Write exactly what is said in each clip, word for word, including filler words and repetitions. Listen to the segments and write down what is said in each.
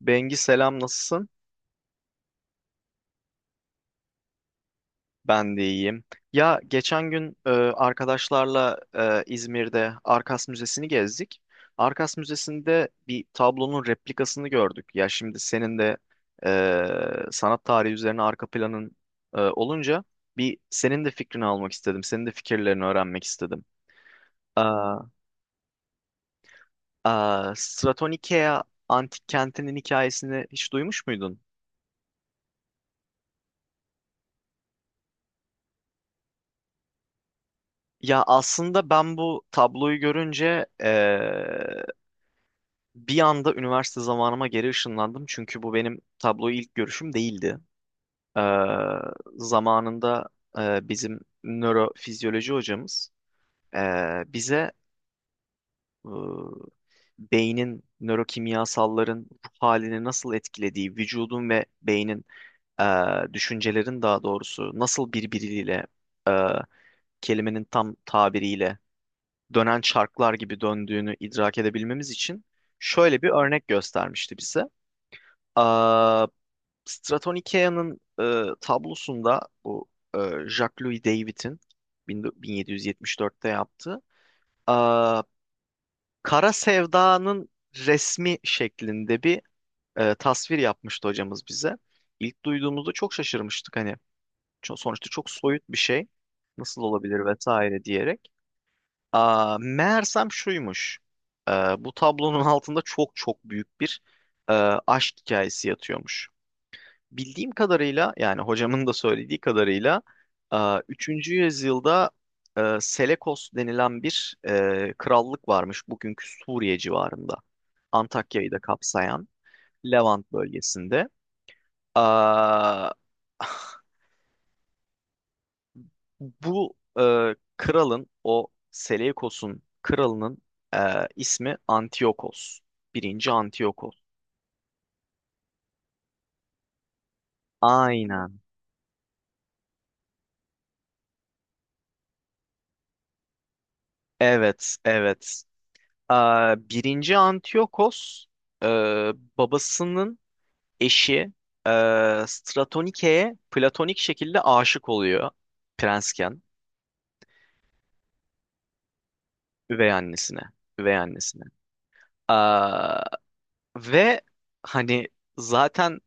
Bengi, selam, nasılsın? Ben de iyiyim. Ya geçen gün e, arkadaşlarla e, İzmir'de Arkas Müzesi'ni gezdik. Arkas Müzesi'nde bir tablonun replikasını gördük. Ya şimdi senin de e, sanat tarihi üzerine arka planın e, olunca bir senin de fikrini almak istedim. Senin de fikirlerini öğrenmek istedim. Aa, aa, Stratonikea antik kentinin hikayesini hiç duymuş muydun? Ya aslında ben bu tabloyu görünce bir anda üniversite zamanıma geri ışınlandım, çünkü bu benim tabloyu ilk görüşüm değildi. Ee, zamanında e, bizim nörofizyoloji hocamız e, bize e, beynin, nörokimyasalların ruh halini nasıl etkilediği, vücudun ve beynin, e, düşüncelerin, daha doğrusu, nasıl birbiriyle, e, kelimenin tam tabiriyle, dönen çarklar gibi döndüğünü idrak edebilmemiz için şöyle bir örnek göstermişti bize. Stratonica'nın e, tablosunda bu e, Jacques-Louis David'in bin- 1774'te yaptığı e, Kara Sevda'nın resmi şeklinde bir e, tasvir yapmıştı hocamız bize. İlk duyduğumuzda çok şaşırmıştık, hani ço- sonuçta çok soyut bir şey nasıl olabilir vesaire diyerek. Aa, meğersem şuymuş. E, bu tablonun altında çok çok büyük bir e, aşk hikayesi yatıyormuş. Bildiğim kadarıyla, yani hocamın da söylediği kadarıyla, e, üçüncü yüzyılda e, Selekos denilen bir e, krallık varmış bugünkü Suriye civarında. Antakya'yı da kapsayan Levant bölgesinde. Aa, bu e, kralın, o Seleukos'un kralının, e, ismi Antiochos. Birinci Antiochos. Aynen. Evet, evet. Aa, birinci Antiyokos e, babasının eşi e, Stratonike'ye platonik şekilde aşık oluyor, prensken, üvey annesine. Üvey annesine. Aa, ve hani zaten,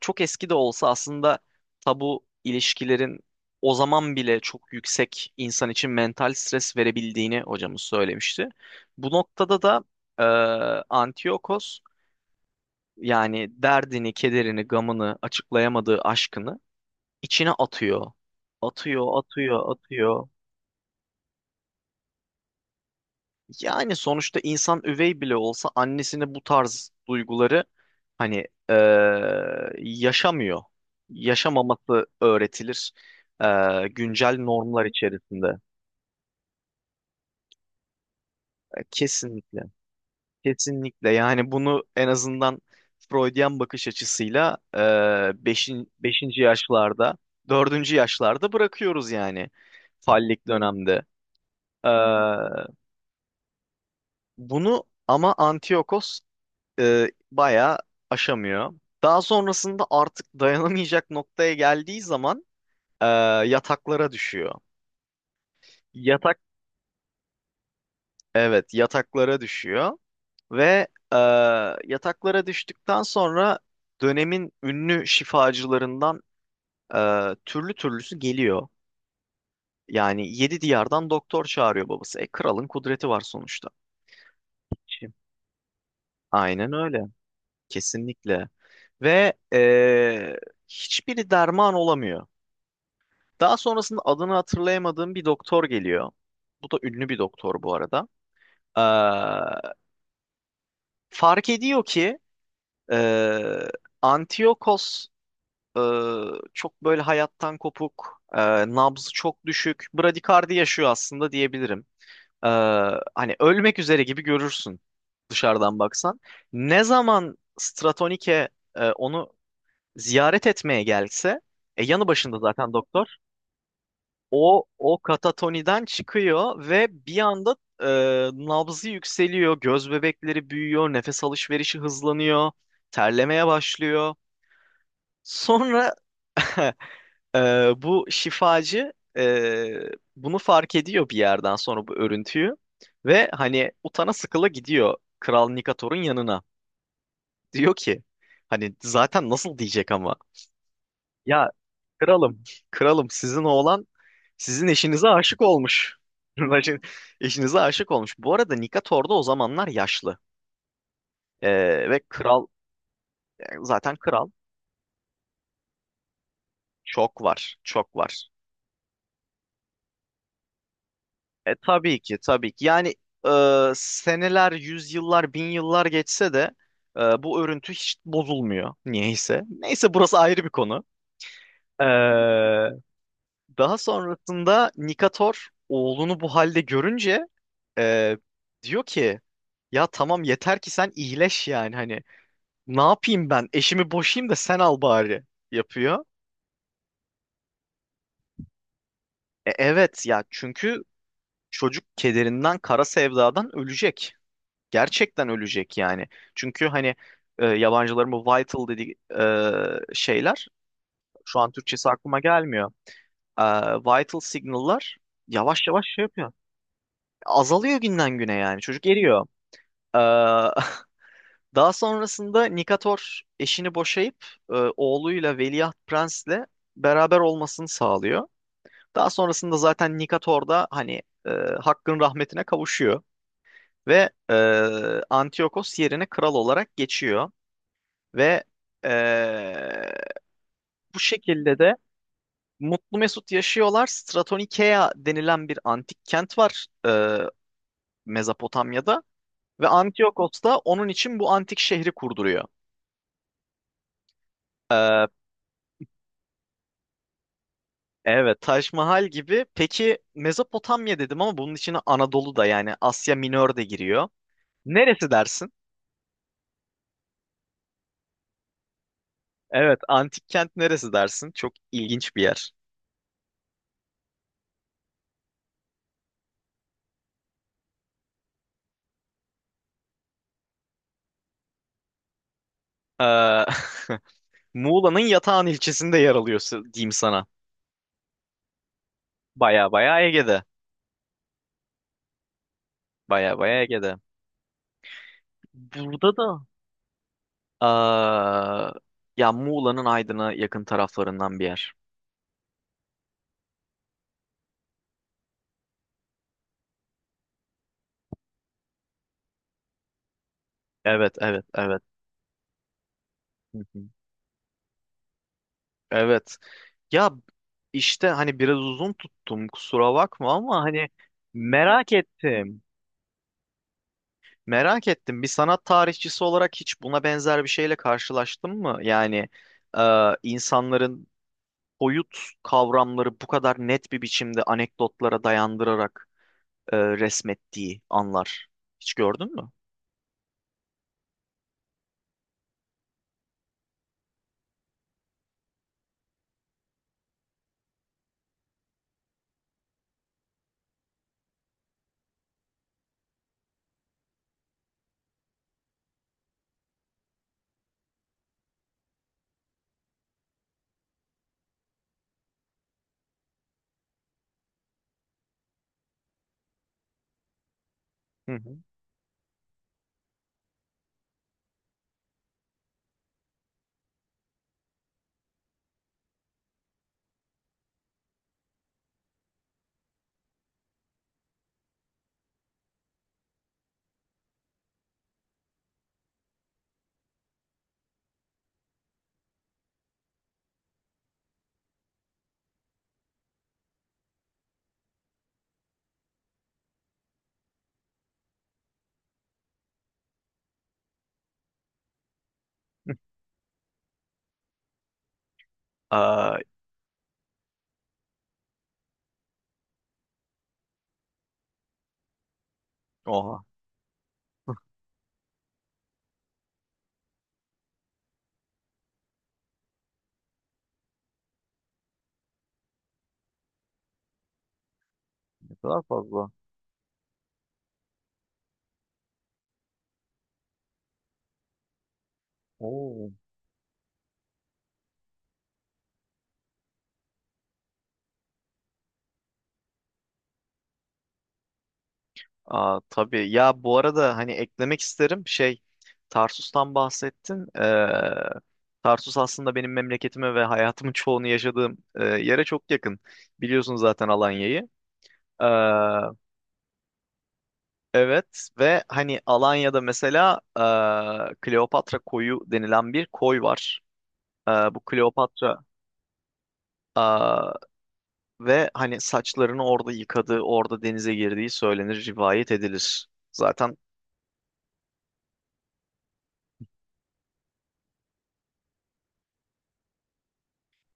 çok eski de olsa, aslında tabu ilişkilerin o zaman bile çok yüksek, insan için mental stres verebildiğini hocamız söylemişti. Bu noktada da e, Antiyokos, yani derdini, kederini, gamını, açıklayamadığı aşkını içine atıyor. Atıyor, atıyor, atıyor. Yani sonuçta insan üvey bile olsa annesine bu tarz duyguları hani eee, yaşamıyor. Yaşamaması öğretilir eee, güncel normlar içerisinde. E, Kesinlikle, kesinlikle. Yani bunu en azından Freudian bakış açısıyla eee beşin, beşinci yaşlarda, dördüncü yaşlarda bırakıyoruz yani. Fallik dönemde. Ee, bunu ama Antiochos e, bayağı aşamıyor. Daha sonrasında artık dayanamayacak noktaya geldiği zaman e, yataklara düşüyor. Yatak, evet yataklara düşüyor ve e, yataklara düştükten sonra dönemin ünlü şifacılarından e, türlü türlüsü geliyor. Yani yedi diyardan doktor çağırıyor babası. E, kralın kudreti var sonuçta. Aynen öyle. Kesinlikle. Ve eee, hiçbiri derman olamıyor. Daha sonrasında adını hatırlayamadığım bir doktor geliyor. Bu da ünlü bir doktor bu arada. Eee, fark ediyor ki eee Antiochos eee, çok böyle hayattan kopuk, eee, nabzı çok düşük, bradikardi yaşıyor aslında diyebilirim. Eee, hani ölmek üzere gibi görürsün dışarıdan baksan. Ne zaman Stratonike e, onu ziyaret etmeye gelse e, yanı başında zaten doktor, o o katatoniden çıkıyor ve bir anda e, nabzı yükseliyor, göz bebekleri büyüyor, nefes alışverişi hızlanıyor, terlemeye başlıyor, sonra e, bu şifacı e, bunu fark ediyor bir yerden sonra, bu örüntüyü, ve hani utana sıkıla gidiyor Kral Nikator'un yanına, diyor ki, hani zaten nasıl diyecek ama, ya kralım, kralım, sizin oğlan sizin eşinize aşık olmuş. Eşinize aşık olmuş. Bu arada Nikator'da o zamanlar yaşlı. Ee, ve kral, yani zaten kral, çok var, çok var. E tabii ki, tabii ki. Yani e, seneler, yüzyıllar, bin yıllar geçse de e, bu örüntü hiç bozulmuyor niyeyse. Neyse, burası ayrı bir konu. Ee, daha sonrasında Nikator oğlunu bu halde görünce e, diyor ki, ya tamam, yeter ki sen iyileş, yani hani ne yapayım, ben eşimi boşayım da sen al bari, yapıyor. E, evet ya, çünkü çocuk kederinden, kara sevdadan ölecek. Gerçekten ölecek yani. Çünkü hani e, yabancıların bu vital dediği e, şeyler, şu an Türkçesi aklıma gelmiyor. E, vital signal'lar yavaş yavaş şey yapıyor. Azalıyor günden güne, yani çocuk eriyor. E, Daha sonrasında Nikator eşini boşayıp e, oğluyla, Veliaht Prens'le, beraber olmasını sağlıyor. Daha sonrasında zaten Nikator da hani e, Hakk'ın rahmetine kavuşuyor ve e, Antiochos yerine kral olarak geçiyor ve e, bu şekilde de mutlu mesut yaşıyorlar. Stratonikea denilen bir antik kent var e, Mezopotamya'da, ve Antiochos da onun için bu antik şehri kurduruyor. E, Evet, Taş Mahal gibi. Peki Mezopotamya dedim ama bunun içine Anadolu da, yani Asya Minör de, giriyor. Neresi dersin? Evet, antik kent neresi dersin? Çok ilginç bir yer. Ee, Muğla'nın Yatağan ilçesinde yer alıyor, s- diyeyim sana. Baya baya Ege'de. Baya baya Ege'de. Burada da, aa, ya Muğla'nın Aydın'a yakın taraflarından bir yer. Evet, evet, evet. Evet. Ya işte, hani biraz uzun tuttum, kusura bakma, ama hani merak ettim. Merak ettim. Bir sanat tarihçisi olarak hiç buna benzer bir şeyle karşılaştın mı? Yani e, insanların boyut kavramları bu kadar net bir biçimde, anekdotlara dayandırarak, e, resmettiği anlar. Hiç gördün mü? Hı hı. Aa, oha, ne kadar fazla. Oo. Aa, tabii ya, bu arada hani eklemek isterim, şey, Tarsus'tan bahsettin. Ee, Tarsus aslında benim memleketime ve hayatımın çoğunu yaşadığım e, yere çok yakın. Biliyorsun zaten Alanya'yı. Ee, evet, ve hani Alanya'da mesela e, Kleopatra Koyu denilen bir koy var. Ee, bu Kleopatra, aa, ve hani saçlarını orada yıkadığı, orada denize girdiği söylenir, rivayet edilir. Zaten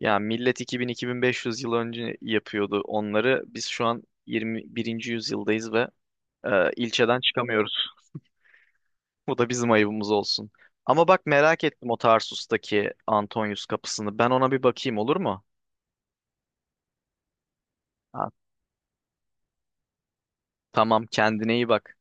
ya, millet iki bin-iki bin beş yüz yıl önce yapıyordu onları. Biz şu an yirmi birinci yüzyıldayız ve e, ilçeden çıkamıyoruz. Bu da bizim ayıbımız olsun. Ama bak, merak ettim o Tarsus'taki Antonius kapısını. Ben ona bir bakayım, olur mu? Ha, tamam, kendine iyi bak.